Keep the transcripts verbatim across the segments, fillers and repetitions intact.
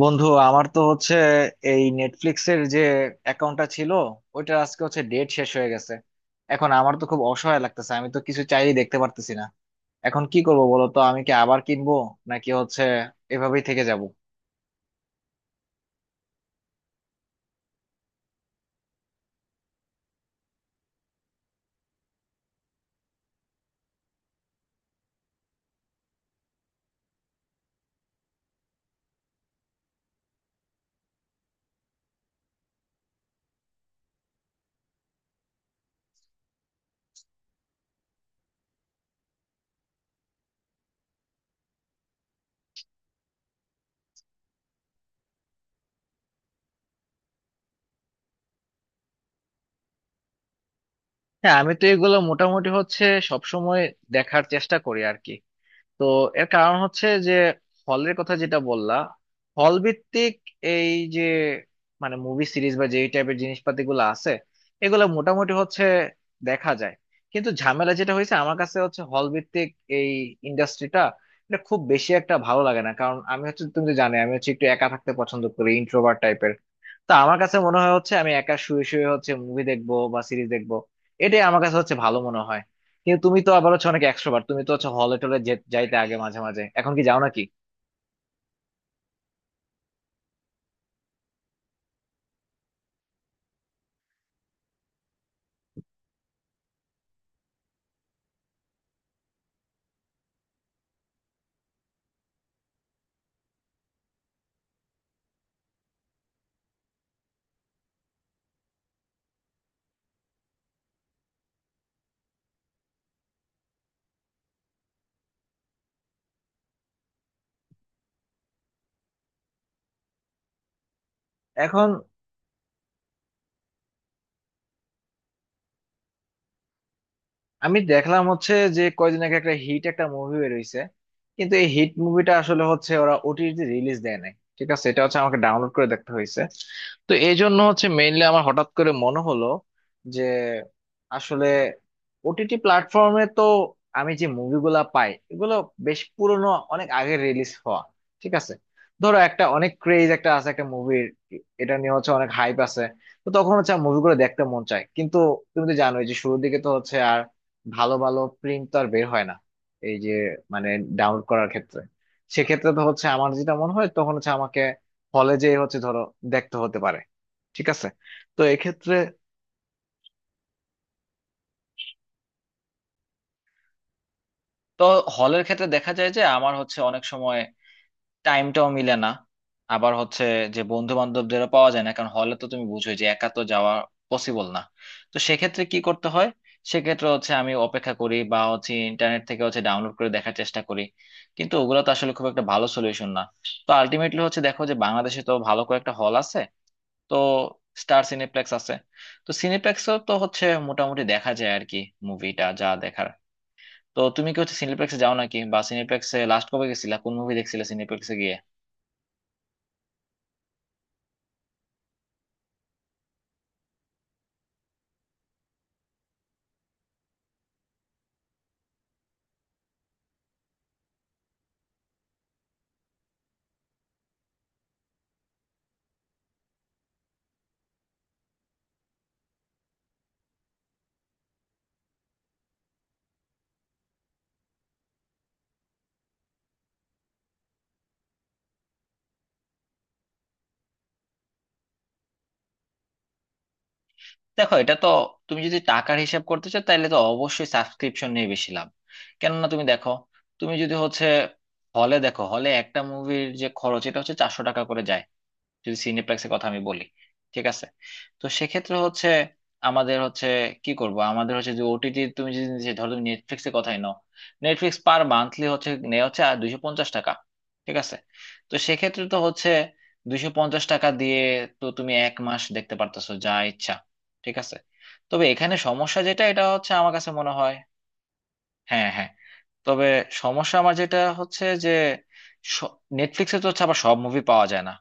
বন্ধু আমার তো হচ্ছে এই নেটফ্লিক্সের যে অ্যাকাউন্টটা ছিল, ওইটা আজকে হচ্ছে ডেট শেষ হয়ে গেছে। এখন আমার তো খুব অসহায় লাগতেছে, আমি তো কিছু চাইলেই দেখতে পারতেছি না। এখন কি করবো বলো তো, আমি কি আবার কিনবো নাকি হচ্ছে এভাবেই থেকে যাব? হ্যাঁ, আমি তো এগুলো মোটামুটি হচ্ছে সবসময় দেখার চেষ্টা করি আর কি। তো এর কারণ হচ্ছে যে হলের কথা যেটা বললা, হল ভিত্তিক এই যে মানে মুভি সিরিজ বা যেই টাইপের জিনিসপাতি গুলো আছে, এগুলো মোটামুটি হচ্ছে দেখা যায়। কিন্তু ঝামেলা যেটা হয়েছে আমার কাছে হচ্ছে হল ভিত্তিক এই ইন্ডাস্ট্রিটা, এটা খুব বেশি একটা ভালো লাগে না, কারণ আমি হচ্ছে তুমি তো জানো আমি হচ্ছে একটু একা থাকতে পছন্দ করি, ইন্ট্রোভার্ট টাইপের। তা আমার কাছে মনে হয় হচ্ছে আমি একা শুয়ে শুয়ে হচ্ছে মুভি দেখবো বা সিরিজ দেখবো, এটাই আমার কাছে হচ্ছে ভালো মনে হয়। কিন্তু তুমি তো আবার হচ্ছে অনেক এক্সট্রোভার্ট, তুমি তো হচ্ছে হলে টলে যে- যাইতে আগে মাঝে মাঝে, এখন কি যাও নাকি? এখন আমি দেখলাম হচ্ছে যে কয়দিন আগে একটা হিট একটা মুভি বের হইছে, কিন্তু এই হিট মুভিটা আসলে হচ্ছে ওরা ওটিটি রিলিজ দেয় নাই। ঠিক আছে, এটা হচ্ছে আমাকে ডাউনলোড করে দেখতে হয়েছে। তো এই জন্য হচ্ছে মেইনলি আমার হঠাৎ করে মনে হলো যে আসলে ওটিটি প্ল্যাটফর্মে তো আমি যে মুভিগুলা পাই এগুলো বেশ পুরনো, অনেক আগে রিলিজ হওয়া। ঠিক আছে, ধরো একটা অনেক ক্রেজ একটা আছে একটা মুভির, এটা নিয়ে হচ্ছে অনেক হাইপ আছে। তো তখন হচ্ছে মুভিগুলো দেখতে মন চায়, কিন্তু তুমি তো জানোই যে শুরুর দিকে তো হচ্ছে ভালো ভালো প্রিন্ট তো আর বের হয় না, এই যে মানে ডাউনলোড করার ক্ষেত্রে। সেক্ষেত্রে তো হচ্ছে আমার যেটা মনে হয় তখন হচ্ছে আমাকে হলে যেয়ে হচ্ছে ধরো দেখতে হতে পারে। ঠিক আছে, তো এক্ষেত্রে তো হলের ক্ষেত্রে দেখা যায় যে আমার হচ্ছে অনেক সময় টাইমটাও মিলে না, আবার হচ্ছে যে বন্ধু বান্ধবদেরও পাওয়া যায় না, কারণ হলে তো তুমি বুঝোই যে একা তো যাওয়া পসিবল না। তো সেক্ষেত্রে কি করতে হয়? সেক্ষেত্রে হচ্ছে আমি অপেক্ষা করি বা হচ্ছে ইন্টারনেট থেকে হচ্ছে ডাউনলোড করে দেখার চেষ্টা করি, কিন্তু ওগুলো তো আসলে খুব একটা ভালো সলিউশন না। তো আলটিমেটলি হচ্ছে দেখো যে বাংলাদেশে তো ভালো কয়েকটা হল আছে, তো স্টার সিনেপ্লেক্স আছে। তো সিনেপ্লেক্সও তো হচ্ছে মোটামুটি দেখা যায় আর কি মুভিটা যা দেখার। তো তুমি কি হচ্ছে সিনেপ্লেক্সে যাও নাকি, বা সিনেপ্লেক্সে লাস্ট কবে গেছিলা, কোন মুভি দেখছিলে সিনেপ্লেক্সে গিয়ে? দেখো এটা তো তুমি যদি টাকার হিসাব করতে চাও তাহলে তো অবশ্যই সাবস্ক্রিপশন নিয়ে বেশি লাভ। কেননা তুমি দেখো, তুমি যদি হচ্ছে হলে দেখো হলে একটা মুভির যে খরচ এটা হচ্ছে চারশো টাকা করে যায়, যদি সিনেপ্লেক্সের কথা আমি বলি। ঠিক আছে, তো সেক্ষেত্রে হচ্ছে আমাদের হচ্ছে কি করব, আমাদের হচ্ছে যে ওটিটি তুমি যদি যে ধরো তুমি নেটফ্লিক্সের কথাই নাও, নেটফ্লিক্স পার মান্থলি হচ্ছে নেওয়া হচ্ছে আর দুইশো পঞ্চাশ টাকা। ঠিক আছে, তো সেক্ষেত্রে তো হচ্ছে দুইশো পঞ্চাশ টাকা দিয়ে তো তুমি এক মাস দেখতে পারতেছো যা ইচ্ছা। ঠিক আছে, তবে এখানে সমস্যা যেটা, এটা হচ্ছে আমার কাছে মনে হয়। হ্যাঁ, হ্যাঁ। তবে সমস্যা আমার যেটা হচ্ছে যে নেটফ্লিক্সে তো হচ্ছে আবার সব মুভি পাওয়া যায় না,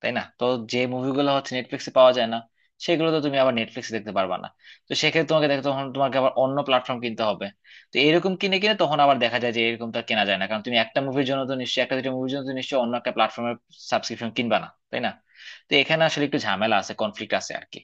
তাই না? তো যে মুভিগুলো হচ্ছে নেটফ্লিক্সে পাওয়া যায় না সেগুলো তো তুমি আবার নেটফ্লিক্সে দেখতে পারবা না। তো সেক্ষেত্রে তোমাকে দেখতে তখন তোমাকে আবার অন্য প্ল্যাটফর্ম কিনতে হবে। তো এরকম কিনে কিনে তখন আবার দেখা যায় যে এরকম তো আর কেনা যায় না, কারণ তুমি একটা মুভির জন্য তো নিশ্চয়ই একটা দুটো মুভির জন্য তো নিশ্চয়ই অন্য একটা প্ল্যাটফর্মের সাবস্ক্রিপশন কিনবা না, তাই না? তো এখানে আসলে একটু ঝামেলা আছে, কনফ্লিক্ট আছে আর কি।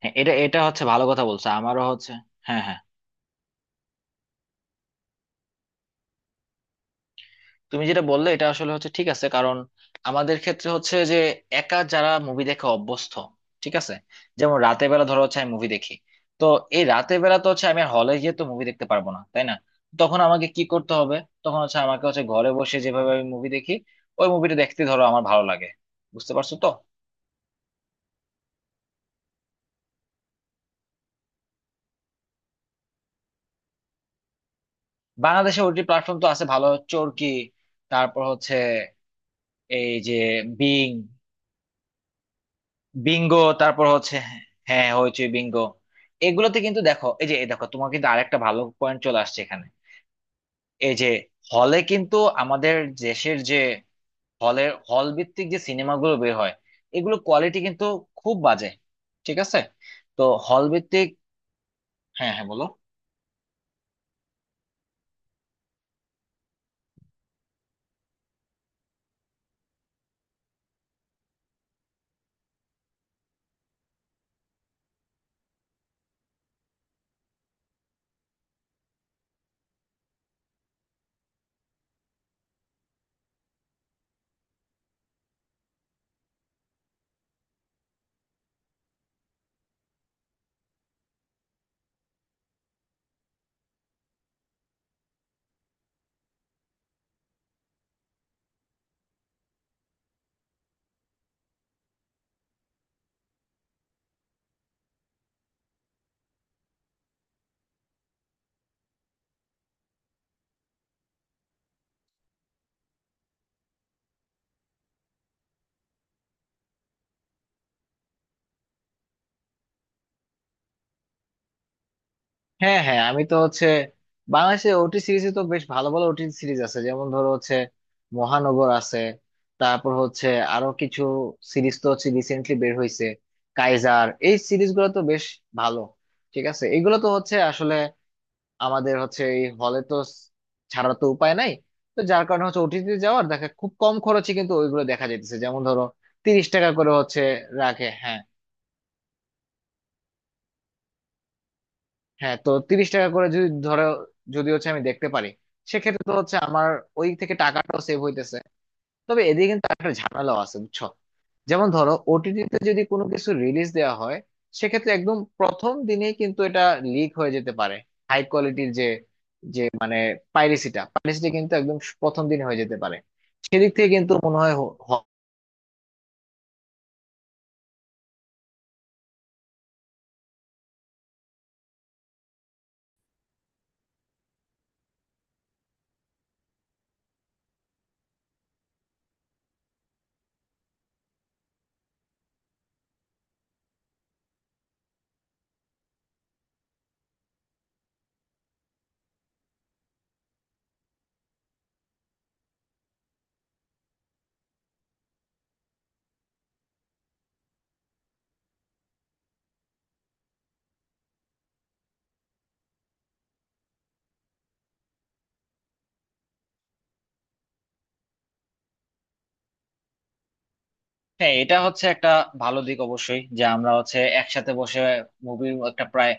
হ্যাঁ এটা এটা হচ্ছে ভালো কথা বলছো, আমারও হচ্ছে। হ্যাঁ, হ্যাঁ। তুমি যেটা বললে এটা আসলে হচ্ছে ঠিক আছে, কারণ আমাদের ক্ষেত্রে হচ্ছে যে একা যারা মুভি দেখে অভ্যস্ত। ঠিক আছে, যেমন রাতে বেলা ধরো হচ্ছে আমি মুভি দেখি। তো এই রাতে বেলা তো হচ্ছে আমি হলে গিয়ে তো মুভি দেখতে পারবো না, তাই না? তখন আমাকে কি করতে হবে? তখন হচ্ছে আমাকে হচ্ছে ঘরে বসে যেভাবে আমি মুভি দেখি ওই মুভিটা দেখতে ধরো আমার ভালো লাগে। বুঝতে পারছো তো? বাংলাদেশে ওটি প্ল্যাটফর্ম তো আছে ভালো, চরকি, তারপর হচ্ছে এই যে বিং, বিঙ্গো, তারপর হচ্ছে হ্যাঁ হইচই, বিঙ্গো। এগুলোতে কিন্তু দেখো, এই যে এই দেখো, তোমার কিন্তু আরেকটা ভালো পয়েন্ট চলে আসছে এখানে। এই যে হলে কিন্তু আমাদের দেশের যে হলের হল ভিত্তিক যে সিনেমাগুলো বের হয় এগুলো কোয়ালিটি কিন্তু খুব বাজে। ঠিক আছে, তো হল ভিত্তিক। হ্যাঁ, হ্যাঁ, বলো। হ্যাঁ, হ্যাঁ, আমি তো হচ্ছে বাংলাদেশে ওটি সিরিজে তো বেশ ভালো ভালো ওটি সিরিজ আছে, যেমন ধরো হচ্ছে মহানগর আছে। তারপর হচ্ছে আরো কিছু সিরিজ তো হচ্ছে রিসেন্টলি বের হয়েছে, কাইজার। এই সিরিজ গুলো তো বেশ ভালো। ঠিক আছে, এগুলো তো হচ্ছে আসলে আমাদের হচ্ছে এই হলে তো ছাড়া তো উপায় নাই। তো যার কারণে হচ্ছে ওটিতে যাওয়ার দেখা খুব কম খরচে কিন্তু ওইগুলো দেখা যাইতেছে, যেমন ধরো তিরিশ টাকা করে হচ্ছে রাখে। হ্যাঁ, হ্যাঁ, তো তিরিশ টাকা করে যদি ধরো যদি হচ্ছে আমি দেখতে পারি, সেক্ষেত্রে তো হচ্ছে আমার ওই থেকে টাকাটাও সেভ হইতেছে। তবে এদিকে কিন্তু একটা ঝামেলাও আছে বুঝছো। যেমন ধরো ওটিটিতে যদি কোনো কিছু রিলিজ দেওয়া হয় সেক্ষেত্রে একদম প্রথম দিনেই কিন্তু এটা লিক হয়ে যেতে পারে, হাই কোয়ালিটির যে যে মানে পাইরেসিটা, পাইরেসিটা কিন্তু একদম প্রথম দিনে হয়ে যেতে পারে। সেদিক থেকে কিন্তু মনে হয় হ- হ- হ্যাঁ এটা হচ্ছে একটা ভালো দিক অবশ্যই, যে আমরা হচ্ছে একসাথে বসে মুভির একটা প্রায়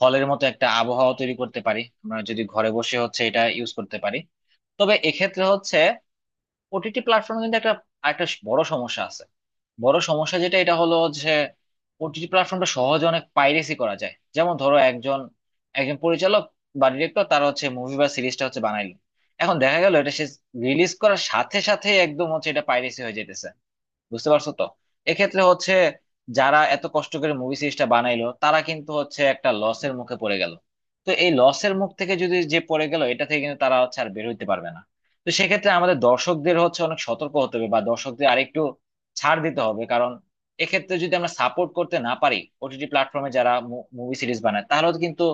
হলের মতো একটা আবহাওয়া তৈরি করতে পারি, আমরা যদি ঘরে বসে হচ্ছে এটা ইউজ করতে পারি। তবে এক্ষেত্রে হচ্ছে ওটিটি প্ল্যাটফর্মে কিন্তু একটা একটা বড় সমস্যা আছে। বড় সমস্যা যেটা এটা হলো যে ওটিটি প্ল্যাটফর্মটা সহজে অনেক পাইরেসি করা যায়। যেমন ধরো একজন একজন পরিচালক বা ডিরেক্টর তার হচ্ছে মুভি বা সিরিজটা হচ্ছে বানাইলো। এখন দেখা গেল এটা সে রিলিজ করার সাথে সাথে একদম হচ্ছে এটা পাইরেসি হয়ে যেতেছে। বুঝতে পারছো তো? এক্ষেত্রে হচ্ছে যারা এত কষ্ট করে মুভি সিরিজটা বানাইলো, তারা কিন্তু হচ্ছে একটা লসের মুখে পড়ে গেল। তো এই লসের মুখ থেকে যদি যে পড়ে গেল এটা থেকে কিন্তু তারা হচ্ছে আর বের হইতে পারবে না। তো সেক্ষেত্রে আমাদের দর্শকদের হচ্ছে অনেক সতর্ক হতে হবে বা দর্শকদের আরেকটু ছাড় দিতে হবে, কারণ এক্ষেত্রে যদি আমরা সাপোর্ট করতে না পারি ওটিটি প্ল্যাটফর্মে যারা মুভি সিরিজ বানায়, তাহলে কিন্তু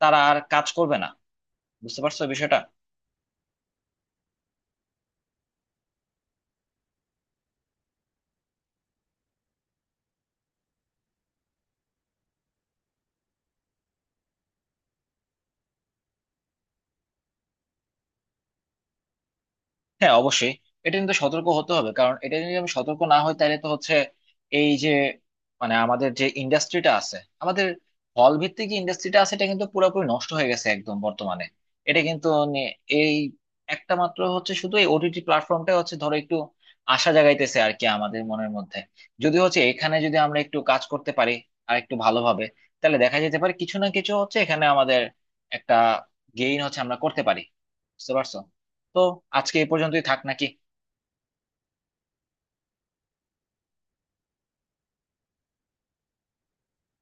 তারা আর কাজ করবে না। বুঝতে পারছো বিষয়টা? হ্যাঁ, অবশ্যই এটা কিন্তু সতর্ক হতে হবে, কারণ এটা যদি আমি সতর্ক না হই তাহলে তো হচ্ছে এই যে মানে আমাদের যে ইন্ডাস্ট্রিটা আছে, আমাদের হল ভিত্তিক যে ইন্ডাস্ট্রিটা আছে, এটা কিন্তু পুরোপুরি নষ্ট হয়ে গেছে একদম বর্তমানে। এটা কিন্তু নে- এই একটা মাত্র হচ্ছে শুধু এই ওটিটি প্ল্যাটফর্মটা হচ্ছে ধরো একটু আশা জাগাইতেছে আর কি আমাদের মনের মধ্যে। যদি হচ্ছে এখানে যদি আমরা একটু কাজ করতে পারি আর একটু ভালোভাবে, তাহলে দেখা যেতে পারে কিছু না কিছু হচ্ছে এখানে আমাদের একটা গেইন হচ্ছে আমরা করতে পারি। বুঝতে পারছো তো? আজকে এই পর্যন্তই থাক নাকি?